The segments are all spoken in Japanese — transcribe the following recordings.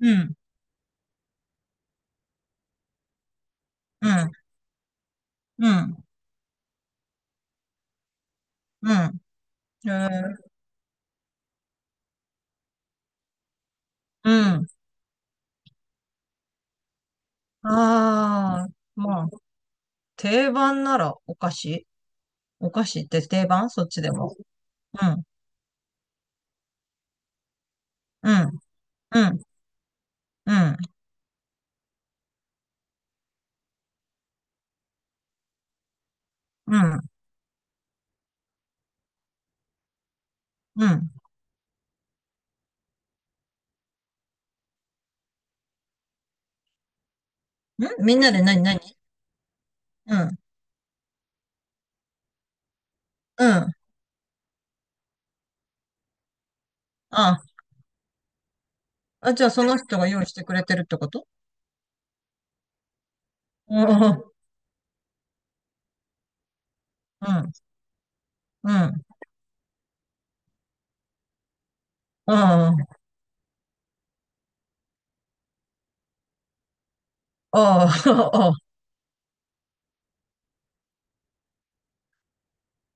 うん、うん、うん、うん、えー、うん。ああ、まあ、定番ならお菓子。お菓子って定番そっちでも。うん、うん、うん、うん、うん、うん。みんなで何、何？うん、うん。ああ、じゃあその人が用意してくれてるってこと？うん、うん、うん。ああ、ああ、ああ、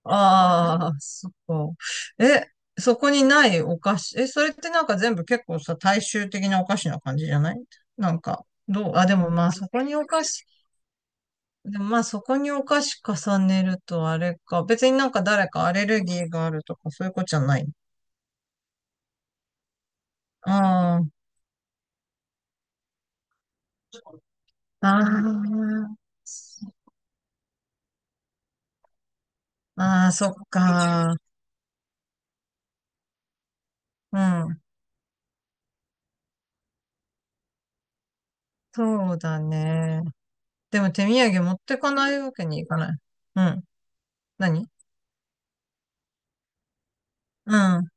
ああ、そこ。え、そこにないお菓子。え、それってなんか全部結構さ、大衆的なお菓子な感じじゃない？なんか、どう、あ、でもまあそこにお菓子、でもまあそこにお菓子重ねるとあれか。別になんか誰かアレルギーがあるとかそういうことじゃない？ああ、ああ、ああ、そっか。うん。そうだね。でも手土産持ってかないわけにいかない。うん。何？うん。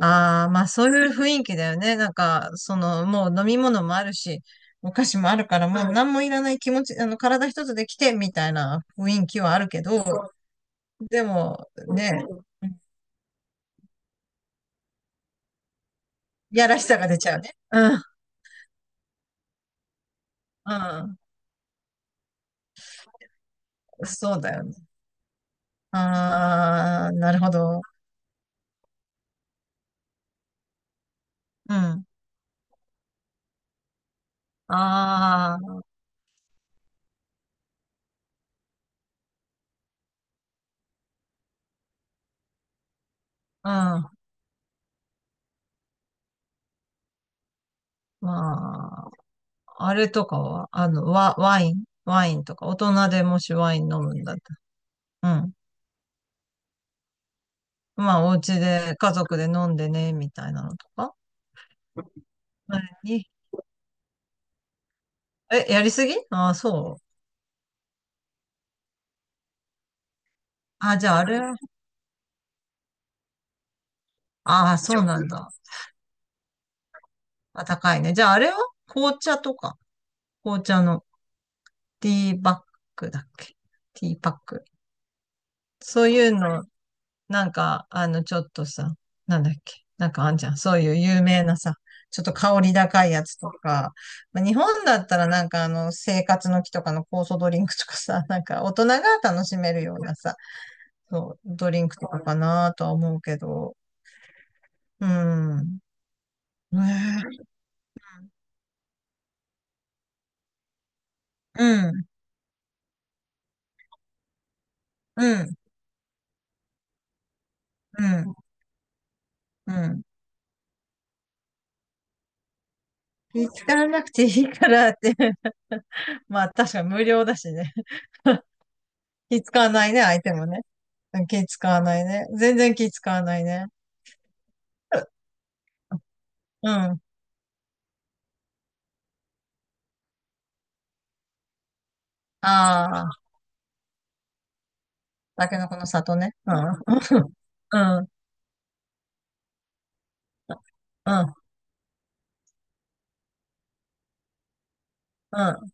ああ、まあそういう雰囲気だよね。なんか、その、もう飲み物もあるし、お菓子もあるから、もう何もいらない気持ち、あの、体一つで来て、みたいな雰囲気はあるけど、でも、ね、やらしさが出ちゃうね。うん、うん、そうだよね。ああ、なるほど。うん。ああ、うん。まあ、あれとかは、あの、ワインとか、大人でもしワイン飲むんだったら。まあ、お家で家族で飲んでね、みたいなのとか前に。え、やりすぎ？ああ、そう。あ、じゃああれは、ああ、そうなんだ。あ、高いね。じゃああれは紅茶とか、紅茶のティーバッグだっけ？ティーパック。そういうの、なんか、あの、ちょっとさ、なんだっけ、なんかあんじゃん。そういう有名なさ、ちょっと香り高いやつとか。まあ、日本だったらなんかあの、生活の木とかの酵素ドリンクとかさ、なんか大人が楽しめるようなさ、そう、ドリンクとかかなとは思うけど、うん。ねえ、うん、うん、うん、うん。気使わなくていいからって。まあ確かに無料だしね。気使わないね、相手もね。うん、気使わないね。全然気使わないね。うん。ああ、タケノコの里ね。うん。うん。うん。うん。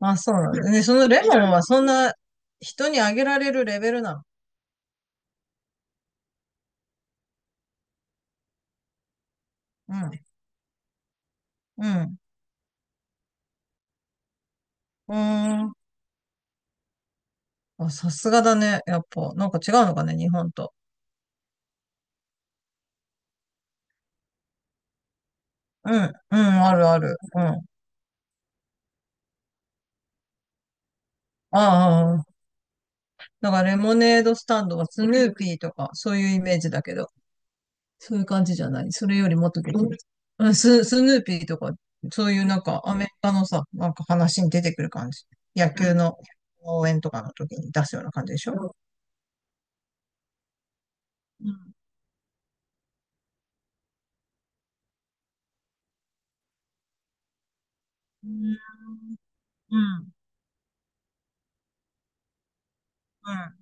まあ、そうなんだ。ね、そのレモンはそんな人にあげられるレベルなの？うん。うん。うーん。あ、さすがだね。やっぱ、なんか違うのかね、日本と。うん、うん、あるある。うん。ああ、ああ。だからレモネードスタンドはスヌーピーとか、そういうイメージだけど、そういう感じじゃない？それよりもっと別に。うん、スヌーピーとか、そういうなんかアメリカのさ、なんか話に出てくる感じ。野球の応援とかの時に出すような感じでしょ？うん。うん。うん。うん。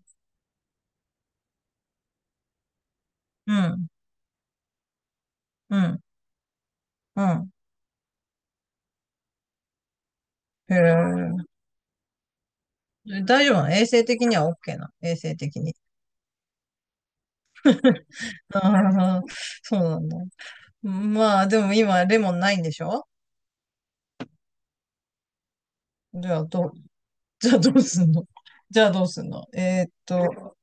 うん。うん。うん。へえ。大丈夫なの、衛生的には？ OK なの、衛生的に？ああ、そうなんだ。まあ、でも今、レモンないんでしょ？じゃあ、どう、じゃあどうすんの？ じゃあどうすんの？えーっと、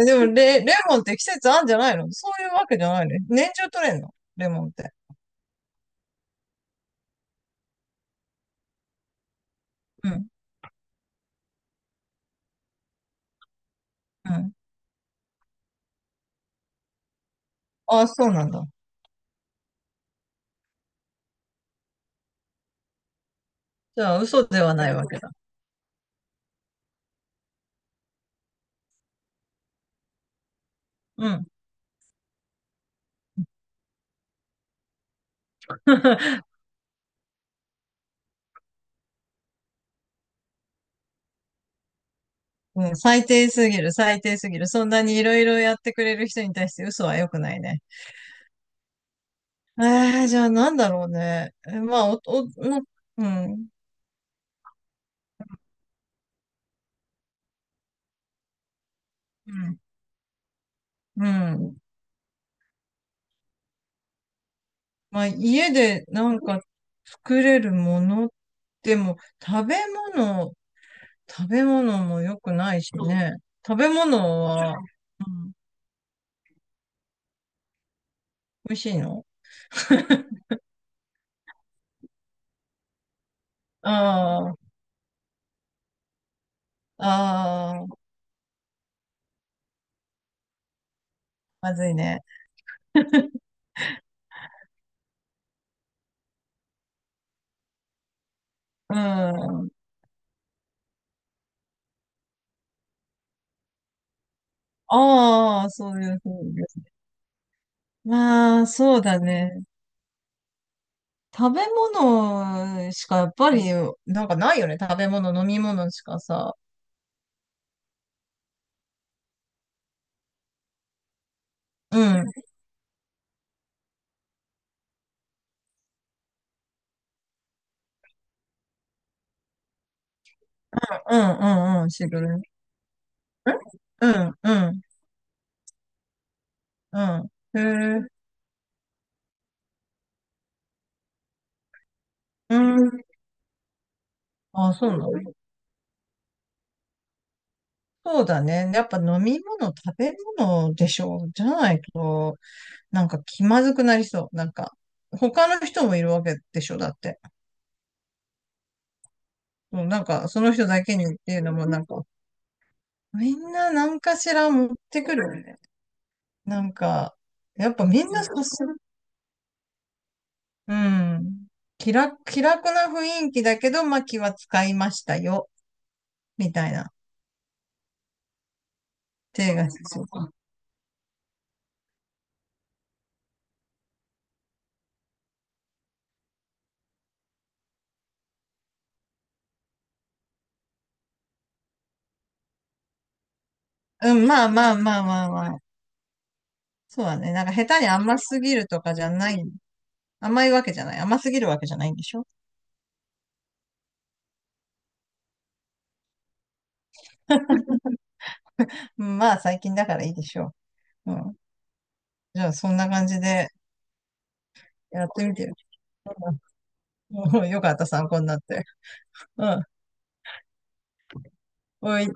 え、でも、レモンって季節あんじゃないの？そういうわけじゃないの？年中取れんの、レモンって。うん、うん。ああ、そうなんだ。じゃあ、嘘ではないわけだ。うん。うん、最低すぎる、最低すぎる。そんなにいろいろやってくれる人に対して嘘は良くないね。えー、じゃあなんだろうね。え、まあ、お、お、おうん、うん、うん。まあ、家でなんか作れるもの。でも、食べ物、食べ物も良くないしね。食べ物は美味しいの？ああ、ああ、まずいね。うん。ああ、そういうふうです。まあ、そうだね。食べ物しかやっぱり、なんかないよね。食べ物、飲み物しかさ。うん、うん、うん、うん、シグル。ん、うん、うん。うん。へえ、うん。ああ、そうなの。そうだね。やっぱ飲み物、食べ物でしょう。じゃないと、なんか気まずくなりそう。なんか、他の人もいるわけでしょ、だって。そうなんか、その人だけにっていうのも、なんか、みんな何かしら持ってくるよね。なんか、やっぱみんなそうする。うん。気楽、気楽な雰囲気だけど、まあ気は使いましたよ。みたいな。手がしそう。うん、まあまあまあまあまあ。そうだね。なんか下手に甘すぎるとかじゃない？甘いわけじゃない。甘すぎるわけじゃないんでしょ？うん、まあ、最近だからいいでしょう。うん。じゃあ、そんな感じでやってみてよ。うん、うん よかった、参考になって。うん。おい。